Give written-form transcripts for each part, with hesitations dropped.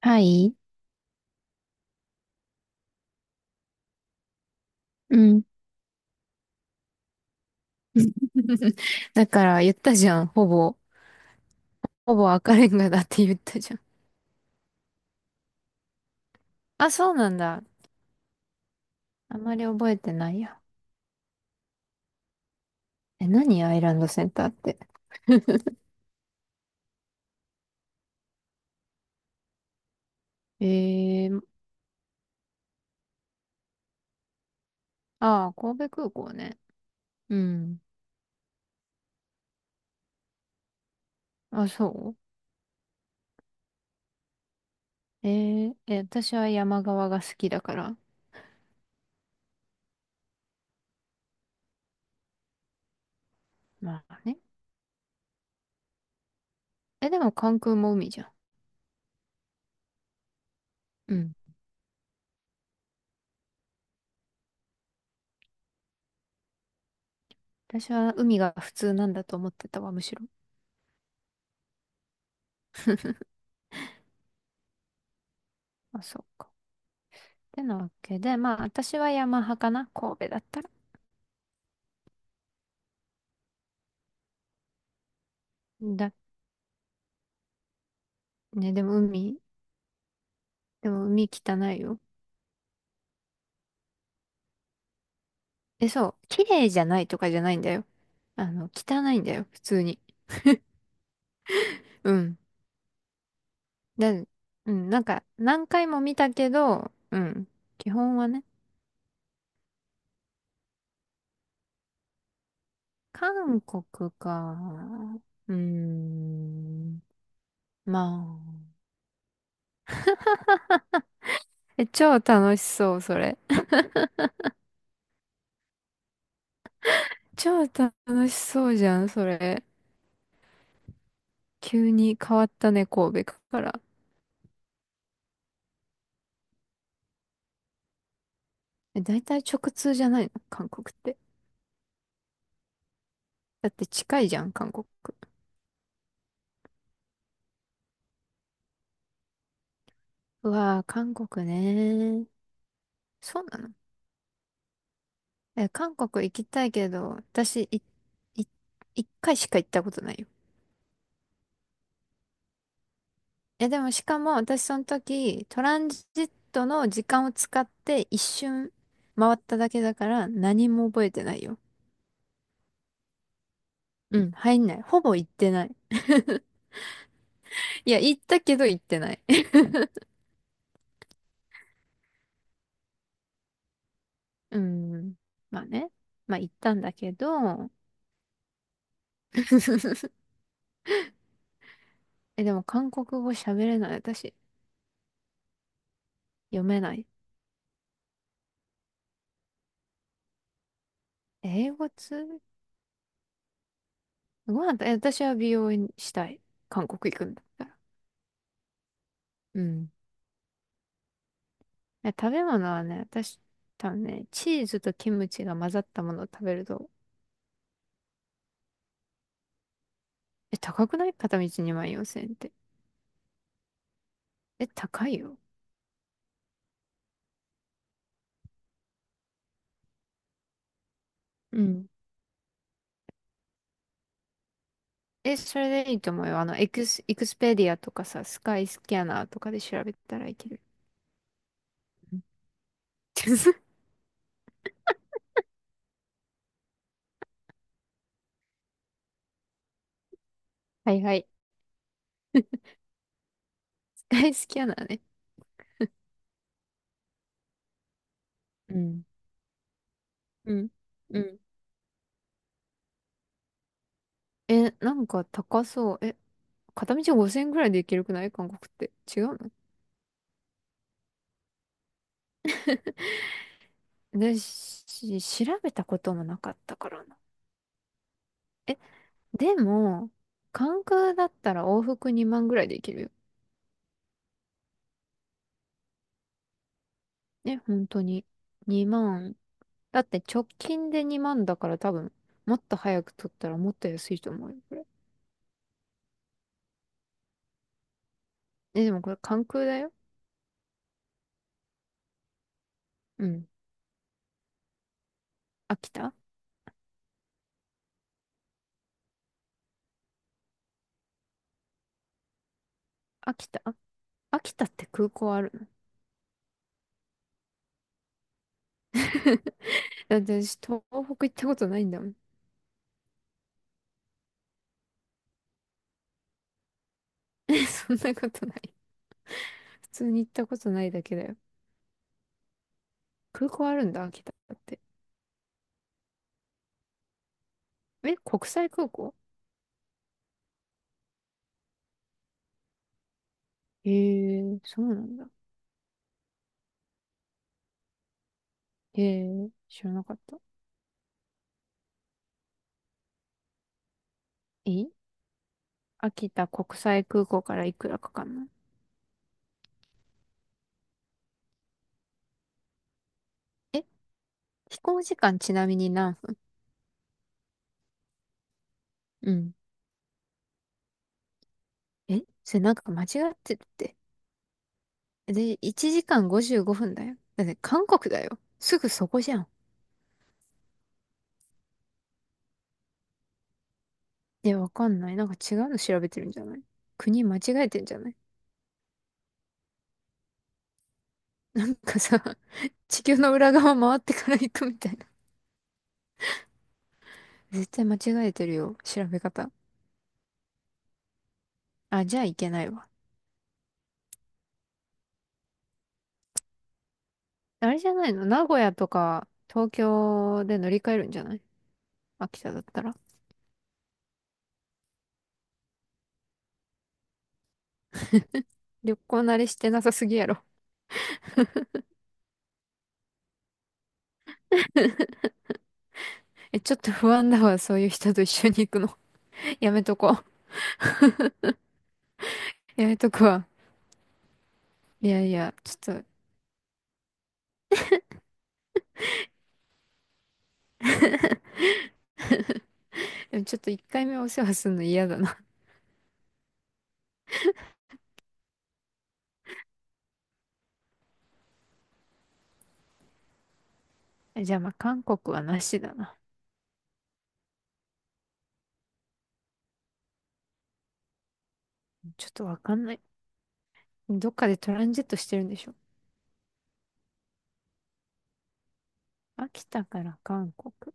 はい。うん。だから言ったじゃん。ほぼ。ほぼ赤レンガだって言ったじゃん。あ、そうなんだ。あまり覚えてないや。え、何アイランドセンターって。えー、ああ、神戸空港ね。うん。あ、そうえ、私は山側が好きだから。まあね。え、でも関空も海じゃん。うん。私は海が普通なんだと思ってたわ、むしろ。あ、そうか。ってなわけで、まあ私は山派かな、神戸だったら。ね、でも海汚いよ。え、そう、綺麗じゃないとかじゃないんだよ。あの、汚いんだよ、普通に。うん。うん、なんか、何回も見たけど、うん。基本はね、韓国か。うーん。まあ。え、超楽しそう、それ。超楽しそうじゃん、それ。急に変わったね、神戸から。え、大体直通じゃないの韓国って。だって近いじゃん、韓国。うわー、韓国ね。そうなの？え、韓国行きたいけど、私、い、一回しか行ったことないよ。え、でもしかも私その時、トランジットの時間を使って一瞬回っただけだから何も覚えてないよ。うん、入んない。ほぼ行ってない。いや、行ったけど行ってない。うん。まあね。まあ行ったんだけど、え、でも韓国語喋れない私。読めない。英語通ご飯と、え、私は美容院したい。韓国行くんだったら。うん。え、食べ物はね、私、多分ね、チーズとキムチが混ざったものを食べると、え、高くない片道2万4千円って。え、高いよ。うん。え、それでいいと思うよ。あの、エクスペディアとかさ、スカイスキャナーとかで調べたらいける。うん。 はいはい。スカイスキャナーね。うん。うん。うん。え、なんか高そう。え、片道5千円ぐらいで行けるくない韓国って。違うの？で、調べたこともなかったからな。え、でも、関空だったら往復2万ぐらいでいけるよ。ね、本当に。2万。だって直近で2万だから多分、もっと早く取ったらもっと安いと思うよ、これ。え、でもこれ関空だよ。うん。秋田。秋田秋田って空港あるの？ だって私、東北行ったことないんだもん。そんなことない。普通に行ったことないだけだよ。空港あるんだ、秋田って。え、国際空港？へえ、そうなんだ。へえ、知らなかった。え、秋田国際空港からいくらかかんない？え、飛行時間ちなみに何分？うん。え、それなんか間違ってるって。で、1時間55分だよ。だって韓国だよ。すぐそこじゃん。え、わかんない。なんか違うの調べてるんじゃない？国間違えてんじゃない？なんかさ、地球の裏側回ってから行くみたいな。絶対間違えてるよ。調べ方。あ、じゃあいけないわ。あれじゃないの？名古屋とか東京で乗り換えるんじゃない？秋田だったら。旅行慣れしてなさすぎやろ。え、ちょっと不安だわ。そういう人と一緒に行くの。やめとこう。やめとくわ。いやいや、ちょっと、でもちょっと一回目お世話するの嫌だな。え、じゃあまあ韓国はなしだな。ちょっとわかんない。どっかでトランジットしてるんでしょ？秋田から韓国。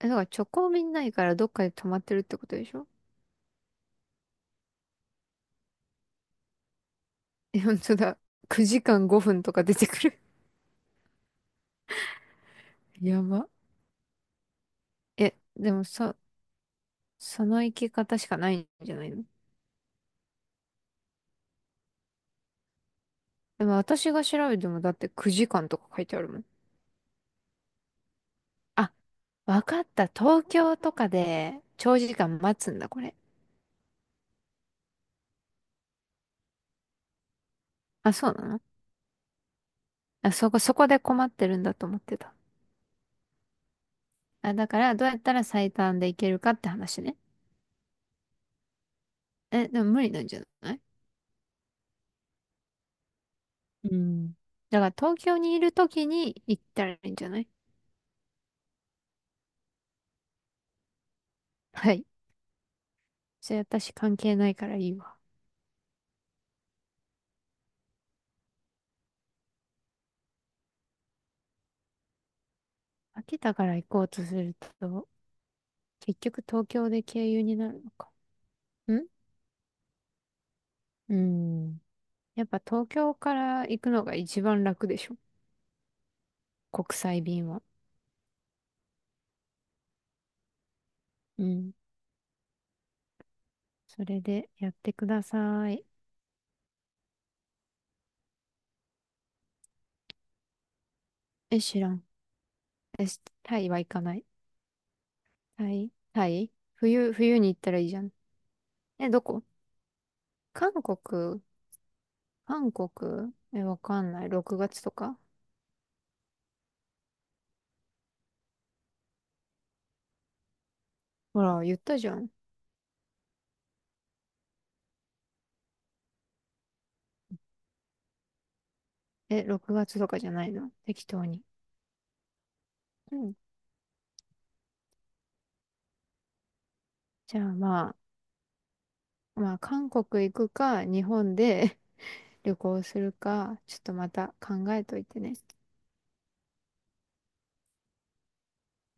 え、だから直行便ないからどっかで泊まってるってことでしょ？ え、本当だ。9時間5分とか出てくる。やば。え、でもさ、その生き方しかないんじゃないの？でも私が調べてもだって9時間とか書いてあるもん。あ、わかった。東京とかで長時間待つんだ、これ。あ、そうなの？あ、そこで困ってるんだと思ってた。あ、だからどうやったら最短で行けるかって話ね。え、でも無理なんじゃない？うん。だから東京にいる時に行ったらいいんじゃない？はい。それ私関係ないからいいわ。秋田から行こうとすると、結局東京で経由になるのか。んうん。やっぱ東京から行くのが一番楽でしょ。国際便は。うん。それでやってください。え、知らん。え、タイは行かない。タイ、冬に行ったらいいじゃん。え、どこ？韓国、韓国。え、わかんない。6月とか？ほら、言ったじゃん。え、6月とかじゃないの？適当に。うん。じゃあまあ、韓国行くか、日本で 旅行するか、ちょっとまた考えといてね。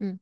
うん